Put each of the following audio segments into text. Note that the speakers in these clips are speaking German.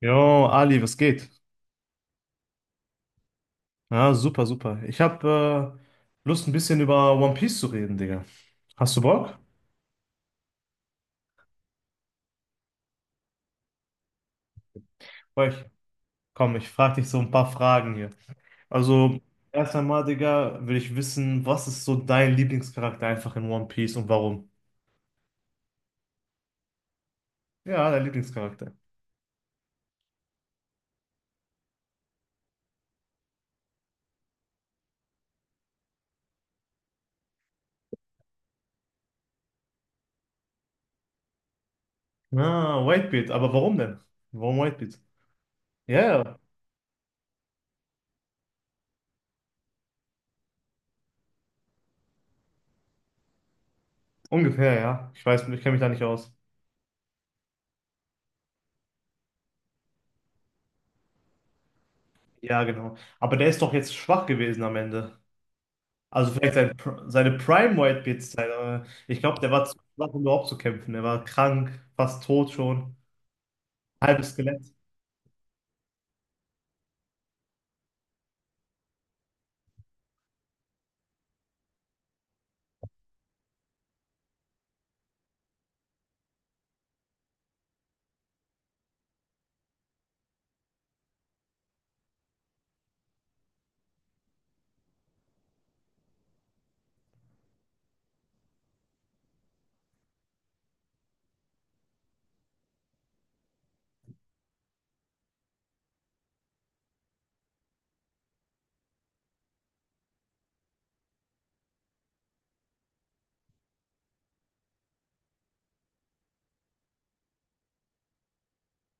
Jo, Ali, was geht? Ja, super, super. Ich habe Lust, ein bisschen über One Piece zu reden, Digga. Hast du Bock? Boah, komm, ich frage dich so ein paar Fragen hier. Also, erst einmal, Digga, will ich wissen, was ist so dein Lieblingscharakter einfach in One Piece und warum? Ja, dein Lieblingscharakter. Ah, Whitebeard, aber warum denn? Warum Whitebeard? Ja, ja, ungefähr, ja. Ich weiß, ich kenne mich da nicht aus. Ja, genau. Aber der ist doch jetzt schwach gewesen am Ende. Also vielleicht seine Prime-White-Beard-Zeit, aber ich glaube, der war zu schwach, um überhaupt zu kämpfen. Er war krank, fast tot schon, halbes Skelett.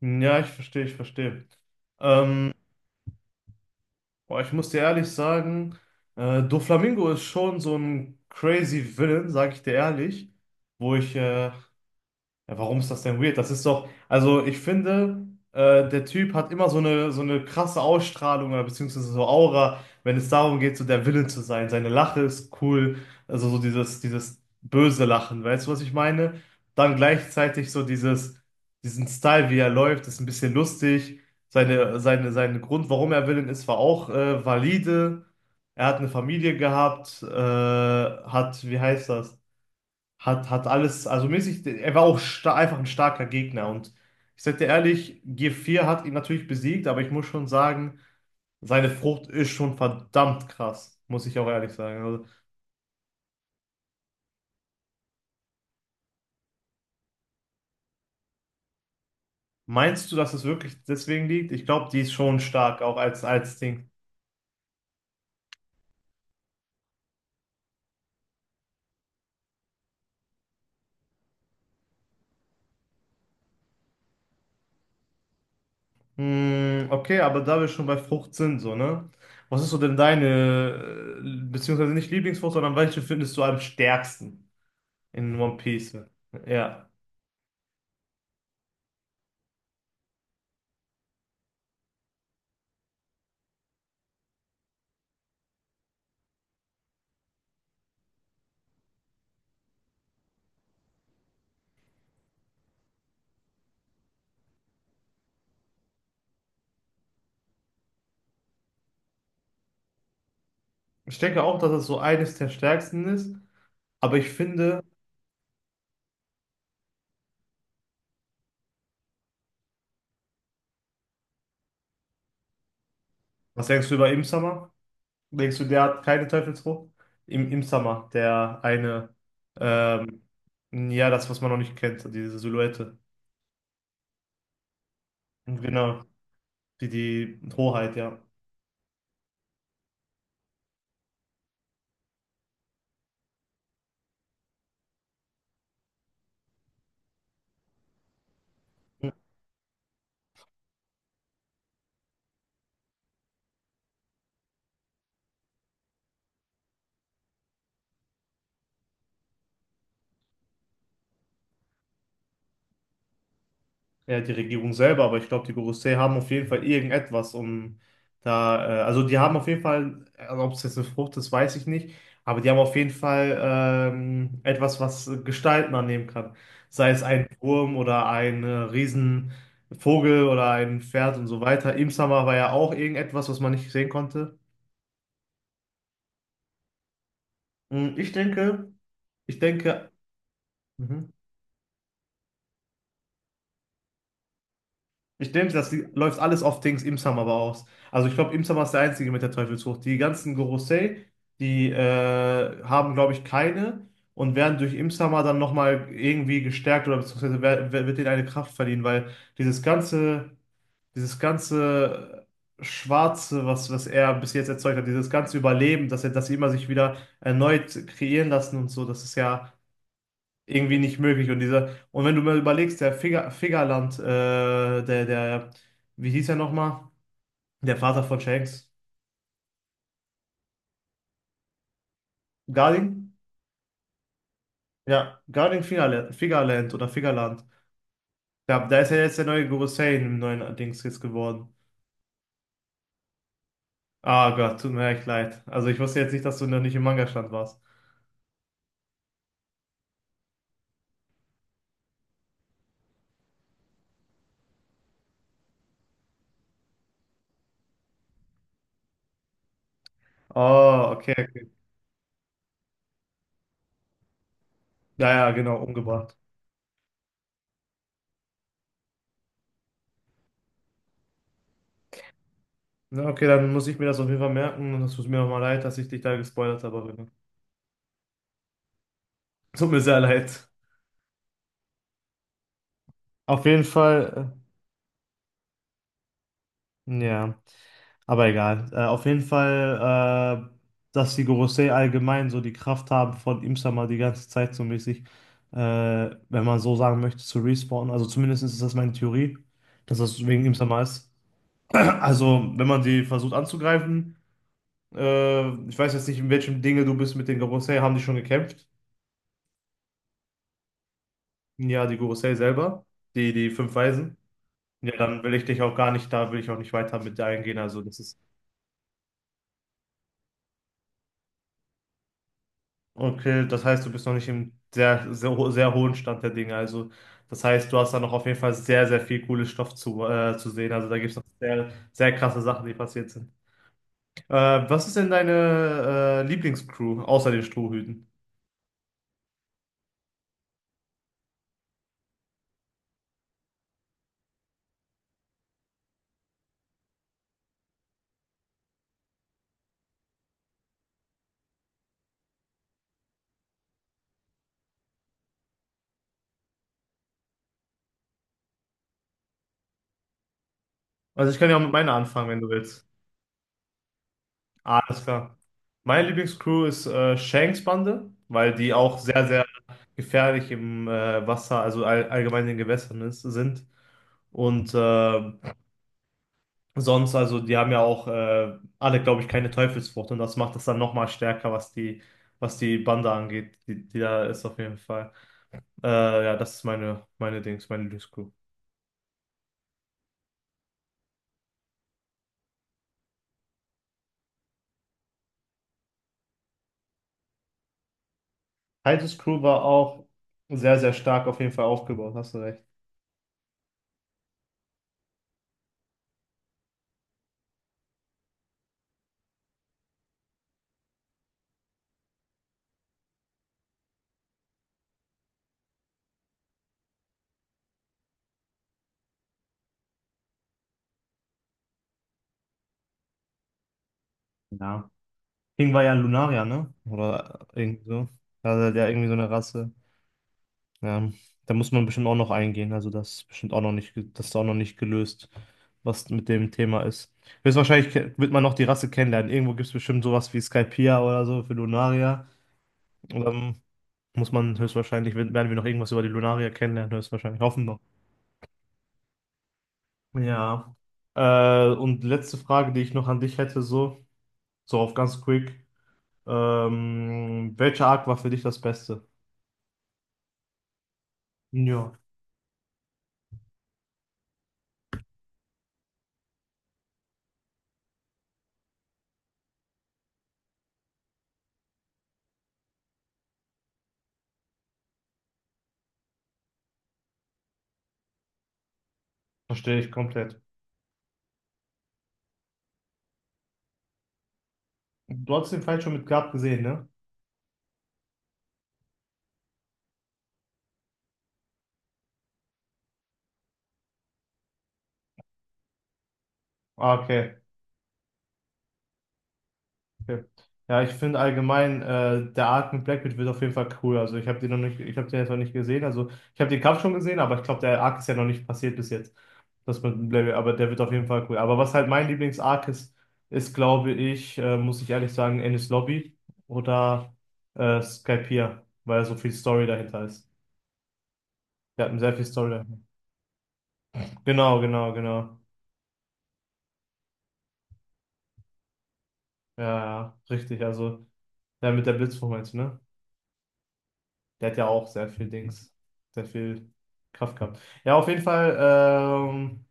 Hm, ja, ich verstehe, ich verstehe. Ähm, boah, ich muss dir ehrlich sagen, Doflamingo ist schon so ein crazy Villain, sag ich dir ehrlich, wo ich Ja, warum ist das denn weird? Das ist doch, also ich finde, der Typ hat immer so eine krasse Ausstrahlung oder beziehungsweise so Aura, wenn es darum geht, so der Villain zu sein. Seine Lache ist cool, also so dieses böse Lachen, weißt du, was ich meine? Dann gleichzeitig so diesen Style, wie er läuft, ist ein bisschen lustig. Sein Grund, warum er Villain ist, war auch valide. Er hat eine Familie gehabt, hat, wie heißt das? Hat alles, also mäßig, er war auch einfach ein starker Gegner. Und ich sag dir ehrlich, g vier hat ihn natürlich besiegt, aber ich muss schon sagen, seine Frucht ist schon verdammt krass, muss ich auch ehrlich sagen. Also, meinst du, dass es wirklich deswegen liegt? Ich glaube, die ist schon stark, auch als Ding. Hm, okay, aber da wir schon bei Frucht sind, so, ne? Was ist so denn deine, beziehungsweise nicht Lieblingsfrucht, sondern welche findest du am stärksten in One Piece? Ja. Ich denke auch, dass es so eines der stärksten ist. Aber ich finde, was denkst du über Im? Denkst du, der hat keine Teufelsfrucht? Im, der eine, ähm, ja, das, was man noch nicht kennt, diese Silhouette. Genau, die Hoheit, ja. Ja, die Regierung selber, aber ich glaube, die Gorosei haben auf jeden Fall irgendetwas, um da, also die haben auf jeden Fall, also ob es jetzt eine Frucht ist, weiß ich nicht, aber die haben auf jeden Fall etwas, was Gestalten annehmen kann. Sei es ein Wurm oder ein Riesenvogel oder ein Pferd und so weiter. Im Sommer war ja auch irgendetwas, was man nicht sehen konnte. Ich denke, ich denke, mhm. Ich denke, das läuft alles auf Dings Imsam aber aus. Also ich glaube, Imsam ist der Einzige mit der Teufelsfrucht. Die ganzen Gorosei, die haben, glaube ich, keine und werden durch Imsama dann nochmal irgendwie gestärkt oder beziehungsweise wird ihnen eine Kraft verliehen, weil dieses ganze, dieses ganze Schwarze, was er bis jetzt erzeugt hat, dieses ganze Überleben, dass sie immer sich wieder erneut kreieren lassen und so, das ist ja irgendwie nicht möglich. Und wenn du mal überlegst, der Figaland, wie hieß er nochmal? Der Vater von Shanks. Garding? Ja, Garding Fingerland, Figaland oder Figaland. Da ist ja jetzt der neue Guru Sane im neuen Dings jetzt geworden. Ah Gott, tut mir echt leid. Also ich wusste jetzt nicht, dass du noch nicht im Manga-Stand warst. Oh, okay. Ja, ja, genau, umgebracht. Na, okay, dann muss ich mir das auf jeden Fall merken und es tut mir nochmal leid, dass ich dich da gespoilert habe. Rene. Tut mir sehr leid. Auf jeden Fall, ja. Aber egal. Auf jeden Fall, dass die Gorosei allgemein so die Kraft haben, von Imsama die ganze Zeit so mäßig, äh, wenn man so sagen möchte, zu respawnen. Also zumindest ist das meine Theorie, dass das wegen Imsama ist. Also, wenn man die versucht anzugreifen, ich weiß jetzt nicht, in welchem Dinge du bist mit den Gorosei, haben die schon gekämpft? Ja, die Gorosei selber, die fünf Weisen. Ja, dann will ich dich auch gar nicht, da will ich auch nicht weiter mit eingehen. Also, das ist... Okay, das heißt, du bist noch nicht im sehr, sehr, sehr hohen Stand der Dinge. Also, das heißt, du hast da noch auf jeden Fall sehr, sehr viel cooles Stoff zu sehen. Also, da gibt es noch sehr, sehr krasse Sachen, die passiert sind. Äh, Was ist denn deine Lieblingscrew außer den Strohhüten? Also, ich kann ja auch mit meiner anfangen, wenn du willst. Alles klar. Meine Lieblingscrew ist Shanks Bande, weil die auch sehr, sehr gefährlich im Wasser, also allgemein in den Gewässern sind. Und sonst, also die haben ja auch alle, glaube ich, keine Teufelsfrucht und das macht es dann nochmal stärker, was die Bande angeht, die da ist auf jeden Fall. Äh, ja, das ist meine Dings, meine Lieblingscrew. Titus Crew war auch sehr, sehr stark auf jeden Fall aufgebaut, hast du recht. Ja. King war ja ein Lunarier, ne? Oder irgendwie so. Also der irgendwie so eine Rasse. Ja, da muss man bestimmt auch noch eingehen. Also das ist bestimmt auch noch nicht, das ist auch noch nicht gelöst, was mit dem Thema ist. Höchstwahrscheinlich wird man noch die Rasse kennenlernen. Irgendwo gibt es bestimmt sowas wie Skypia oder so für Lunaria. Und dann muss man höchstwahrscheinlich, werden wir noch irgendwas über die Lunaria kennenlernen, höchstwahrscheinlich. Hoffen wir. Ja. Und letzte Frage, die ich noch an dich hätte, so, auf ganz quick. Welcher Arc war für dich das Beste? Ja, verstehe ich komplett. Du hast den Fight schon mit Gab gesehen, ne? Ah, okay. Okay. Ja, ich finde allgemein, der Arc mit Blackbeard wird auf jeden Fall cool. Also ich habe den noch nicht, ich habe den jetzt noch nicht gesehen. Also ich habe den Kampf schon gesehen, aber ich glaube, der Arc ist ja noch nicht passiert bis jetzt. Das mit Blackbeard, aber der wird auf jeden Fall cool. Aber was halt mein Lieblings-Arc ist, ist, glaube ich, muss ich ehrlich sagen, Enies Lobby oder Skypiea, weil so viel Story dahinter ist. Wir hatten sehr viel Story dahinter. Genau, genau, genau. Ja, ja, richtig. Also der mit der Blitzform jetzt, ne? Der hat ja auch sehr viel Dings, sehr viel Kraft gehabt. Ja, auf jeden Fall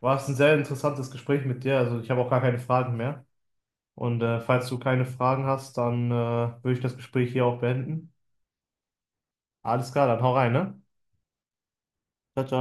war es ein sehr interessantes Gespräch mit dir. Also ich habe auch gar keine Fragen mehr. Und falls du keine Fragen hast, dann würde ich das Gespräch hier auch beenden. Alles klar, dann hau rein, ne? Ciao, ciao.